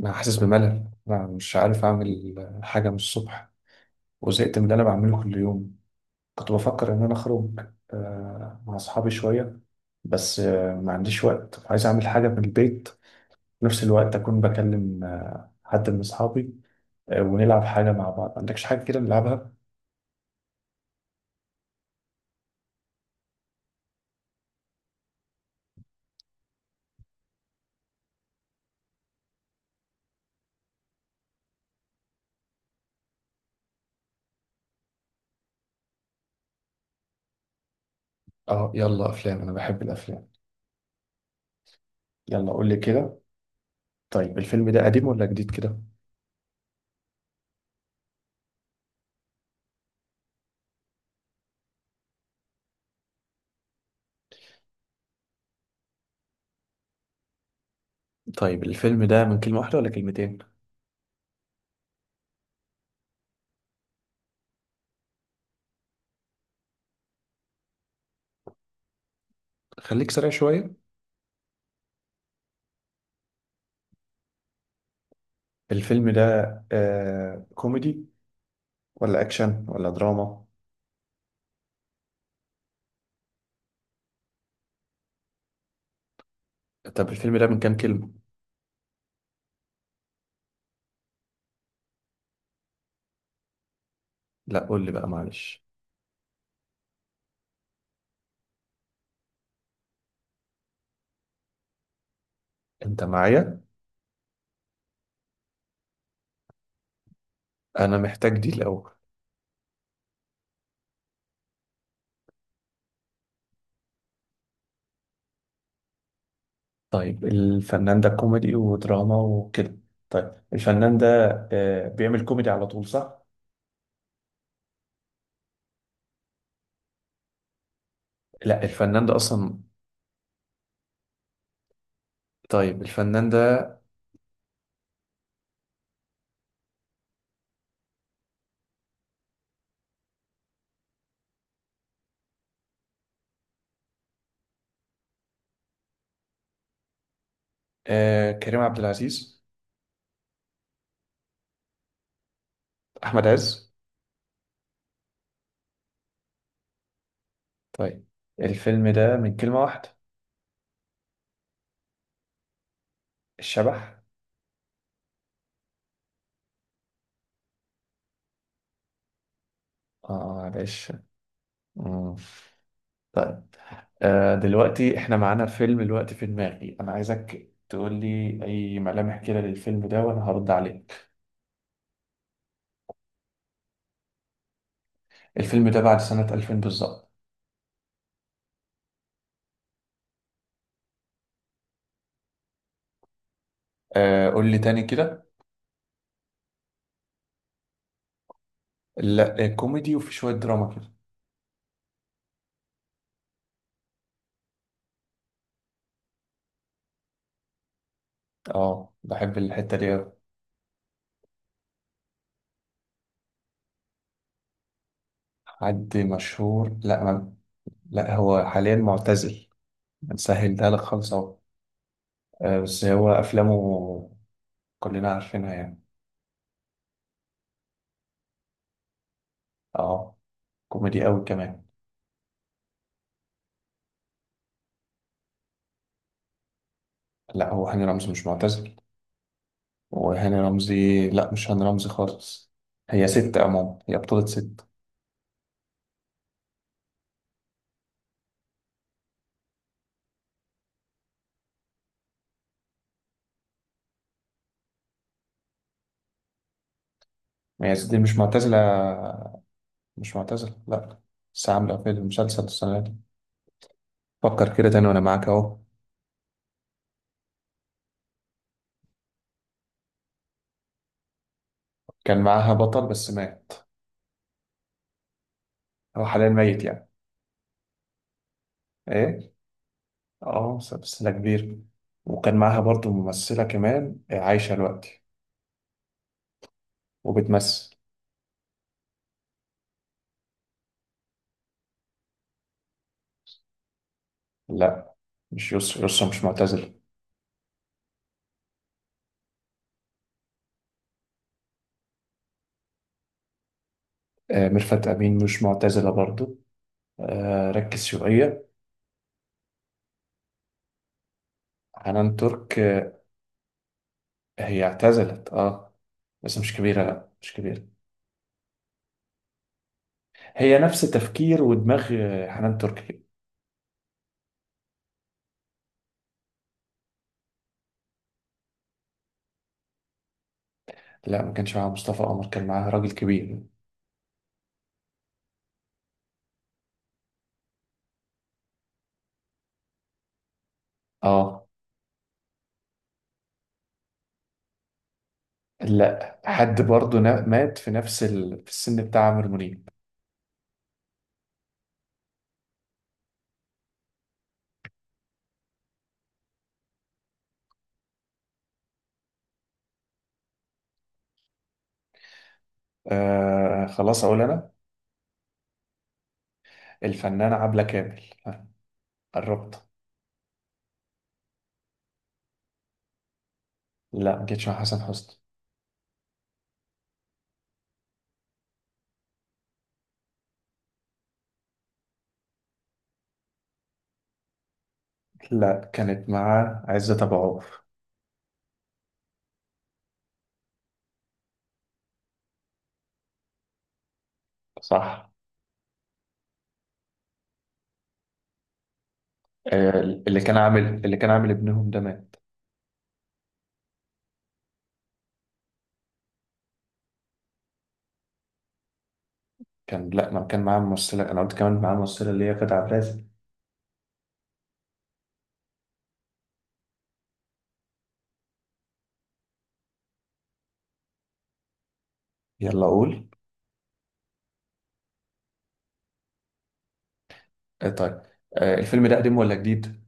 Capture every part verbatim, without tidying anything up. أنا حاسس بملل. أنا مش عارف أعمل حاجة من الصبح، وزهقت من اللي أنا بعمله كل يوم. كنت بفكر إن أنا أخرج آه، مع أصحابي شوية. بس آه، ما عنديش وقت، عايز أعمل حاجة من البيت في نفس الوقت، أكون بكلم آه، حد من أصحابي آه، ونلعب حاجة مع بعض. ما عندكش حاجة كده نلعبها؟ آه، يلا أفلام، أنا بحب الأفلام. يلا قول لي كده. طيب الفيلم ده قديم ولا جديد كده؟ طيب الفيلم ده من كلمة واحدة ولا كلمتين؟ خليك سريع شوية. الفيلم ده آه كوميدي ولا اكشن ولا دراما؟ طب الفيلم ده من كام كلمة؟ لا قول لي بقى معلش، انت معايا. انا محتاج دي الاول. طيب الفنان ده كوميدي ودراما وكده؟ طيب الفنان ده آه بيعمل كوميدي على طول، صح؟ لا، الفنان ده اصلا. طيب الفنان ده. آه كريم عبد العزيز؟ احمد عز. طيب، الفيلم ده من كلمة واحدة؟ الشبح. اه، معلش. مم. طيب. آه، دلوقتي احنا معانا فيلم دلوقتي في دماغي، انا عايزك تقول لي اي ملامح كده للفيلم ده وانا هرد عليك. الفيلم ده بعد سنة ألفين بالظبط. آه، قول لي تاني كده. لا، آه، كوميدي وفي شوية دراما كده. اه، بحب الحتة دي أوي. حد مشهور؟ لا، ما... لا هو حاليا معتزل. هنسهل ده لك خالص اهو. آه، بس هو افلامه كلنا عارفينها يعني. اه، كوميدي قوي كمان. لا، هو هاني رمزي مش معتزل. وهاني رمزي، لا مش هاني رمزي خالص. هي ست عموما، هي بطولة ست. هي ست دي مش معتزلة. مش معتزلة لا. بس عاملة في المسلسل السنة دي. فكر كده تاني وأنا معاك أهو. كان معاها بطل بس مات. هو حاليا ميت يعني. إيه؟ أه، سلسلة كبيرة. وكان معاها برضو ممثلة كمان آه، عايشة دلوقتي وبتمثل. لا، مش يسرا، يسرا مش معتزلة. آه، ميرفت أمين مش معتزلة برضو. آه، ركز شوية. حنان ترك، آه، هي اعتزلت اه. بس مش كبيرة، لا مش كبيرة. هي نفس تفكير ودماغ آه، حنان تركي كده. لا ما كانش معاها مصطفى قمر، كان معاها راجل كبير. اه. لا، حد برضه نا- مات في نفس ال... في السن بتاع عمرو منيب. آه خلاص اقول انا. الفنانة عبلة كامل. آه، قربت. لا ما كانتش مع حسن حسني. لا، كانت مع عزت ابو عوف. صح. آه اللي كان عامل اللي كان عامل ابنهم ده مات. كان لا، ما كان معاه ممثلة، انا قلت كمان معاه ممثلة اللي هي كانت عبد الرازق. يلا قول. آه، طيب. آه، الفيلم ده قديم ولا جديد؟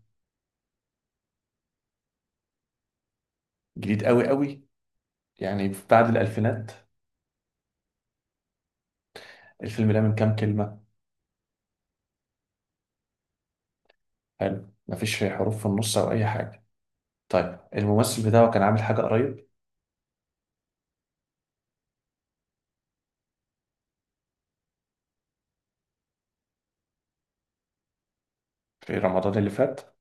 جديد قوي قوي. يعني بعد الألفينات. الفيلم ده من كام كلمة؟ حلو، مفيش حروف في النص أو أي حاجة. طيب الممثل بتاعه كان عامل حاجة قريب؟ في رمضان اللي فات؟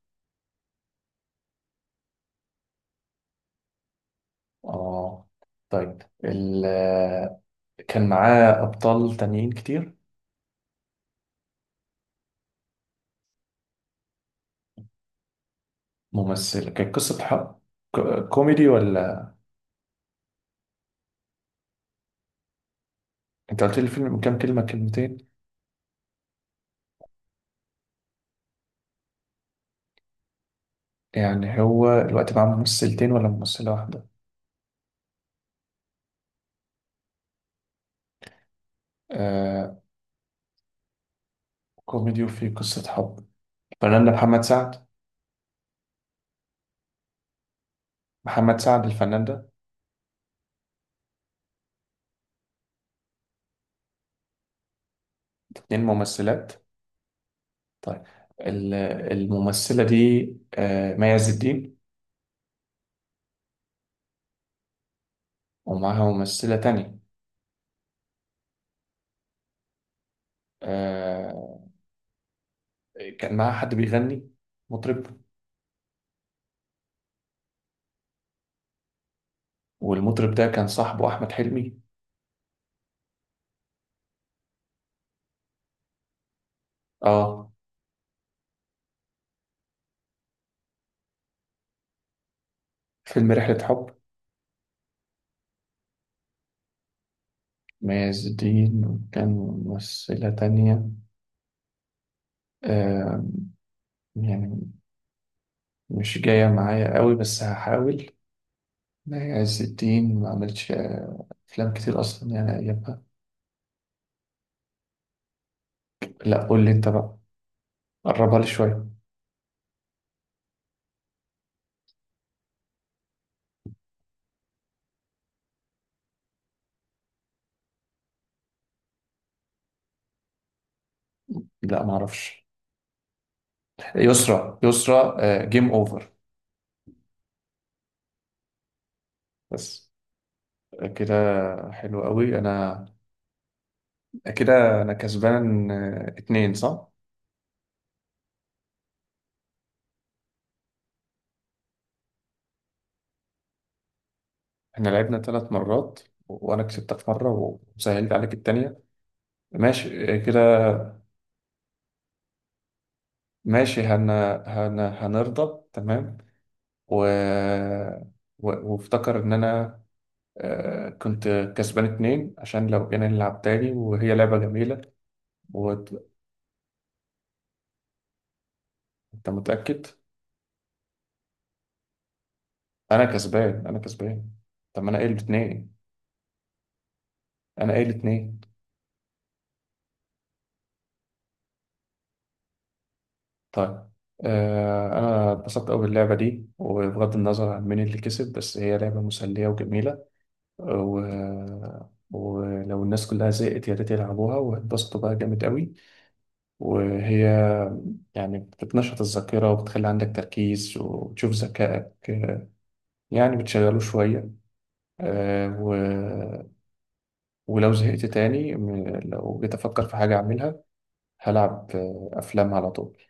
آه. طيب ال... آه، كان معاه أبطال تانيين كتير؟ ممثل، كانت قصة حب؟ ك- كوميدي ولا؟ أنت قلت لي الفيلم من كام كلمة، كلمتين؟ يعني هو الوقت معاه ممثلتين ولا ممثلة واحدة؟ آه... كوميدي وفيه قصة حب. فنان محمد سعد. محمد سعد الفنان ده. اتنين ممثلات. طيب ال- الممثلة دي آه، مي عز الدين. ومعاها ممثلة تانية. آه، كان معاها حد بيغني، مطرب. والمطرب ده كان صاحبه أحمد حلمي. اه. فيلم رحلة حب. مي عز الدين وكان ممثلة تانية. آه، يعني مش جاية معايا قوي بس هحاول. مي عز الدين ما عملتش آه، أفلام كتير أصلا يعني أيامها. لا قول لي أنت بقى، قربها لي شوية. لا ما اعرفش. يسرا، يسرا، جيم اوفر. بس كده. حلو قوي. انا كده انا كسبان آه، اتنين، صح. احنا لعبنا ثلاث مرات، و- وانا كسبتك مره وسهلت عليك التانية. ماشي آه، كده. ماشي، هن... هن... هنرضى تمام. و... و... وافتكر ان انا آه، كنت كسبان اتنين، عشان لو جينا نلعب تاني وهي لعبة جميلة. وانت متأكد؟ انا كسبان، انا كسبان. طب ما انا قايل اتنين. انا قايل اتنين. طيب. آه انا اتبسطت قوي باللعبه دي، وبغض النظر عن مين اللي كسب بس هي لعبه مسليه وجميله. و... ولو الناس كلها زهقت يا ريت يلعبوها واتبسطوا بقى جامد قوي. وهي يعني بتنشط الذاكره وبتخلي عندك تركيز وبتشوف ذكائك، آه، يعني بتشغله شويه. آه و... ولو زهقت تاني م- لو جيت افكر في حاجه اعملها، هلعب آه، افلام على طول.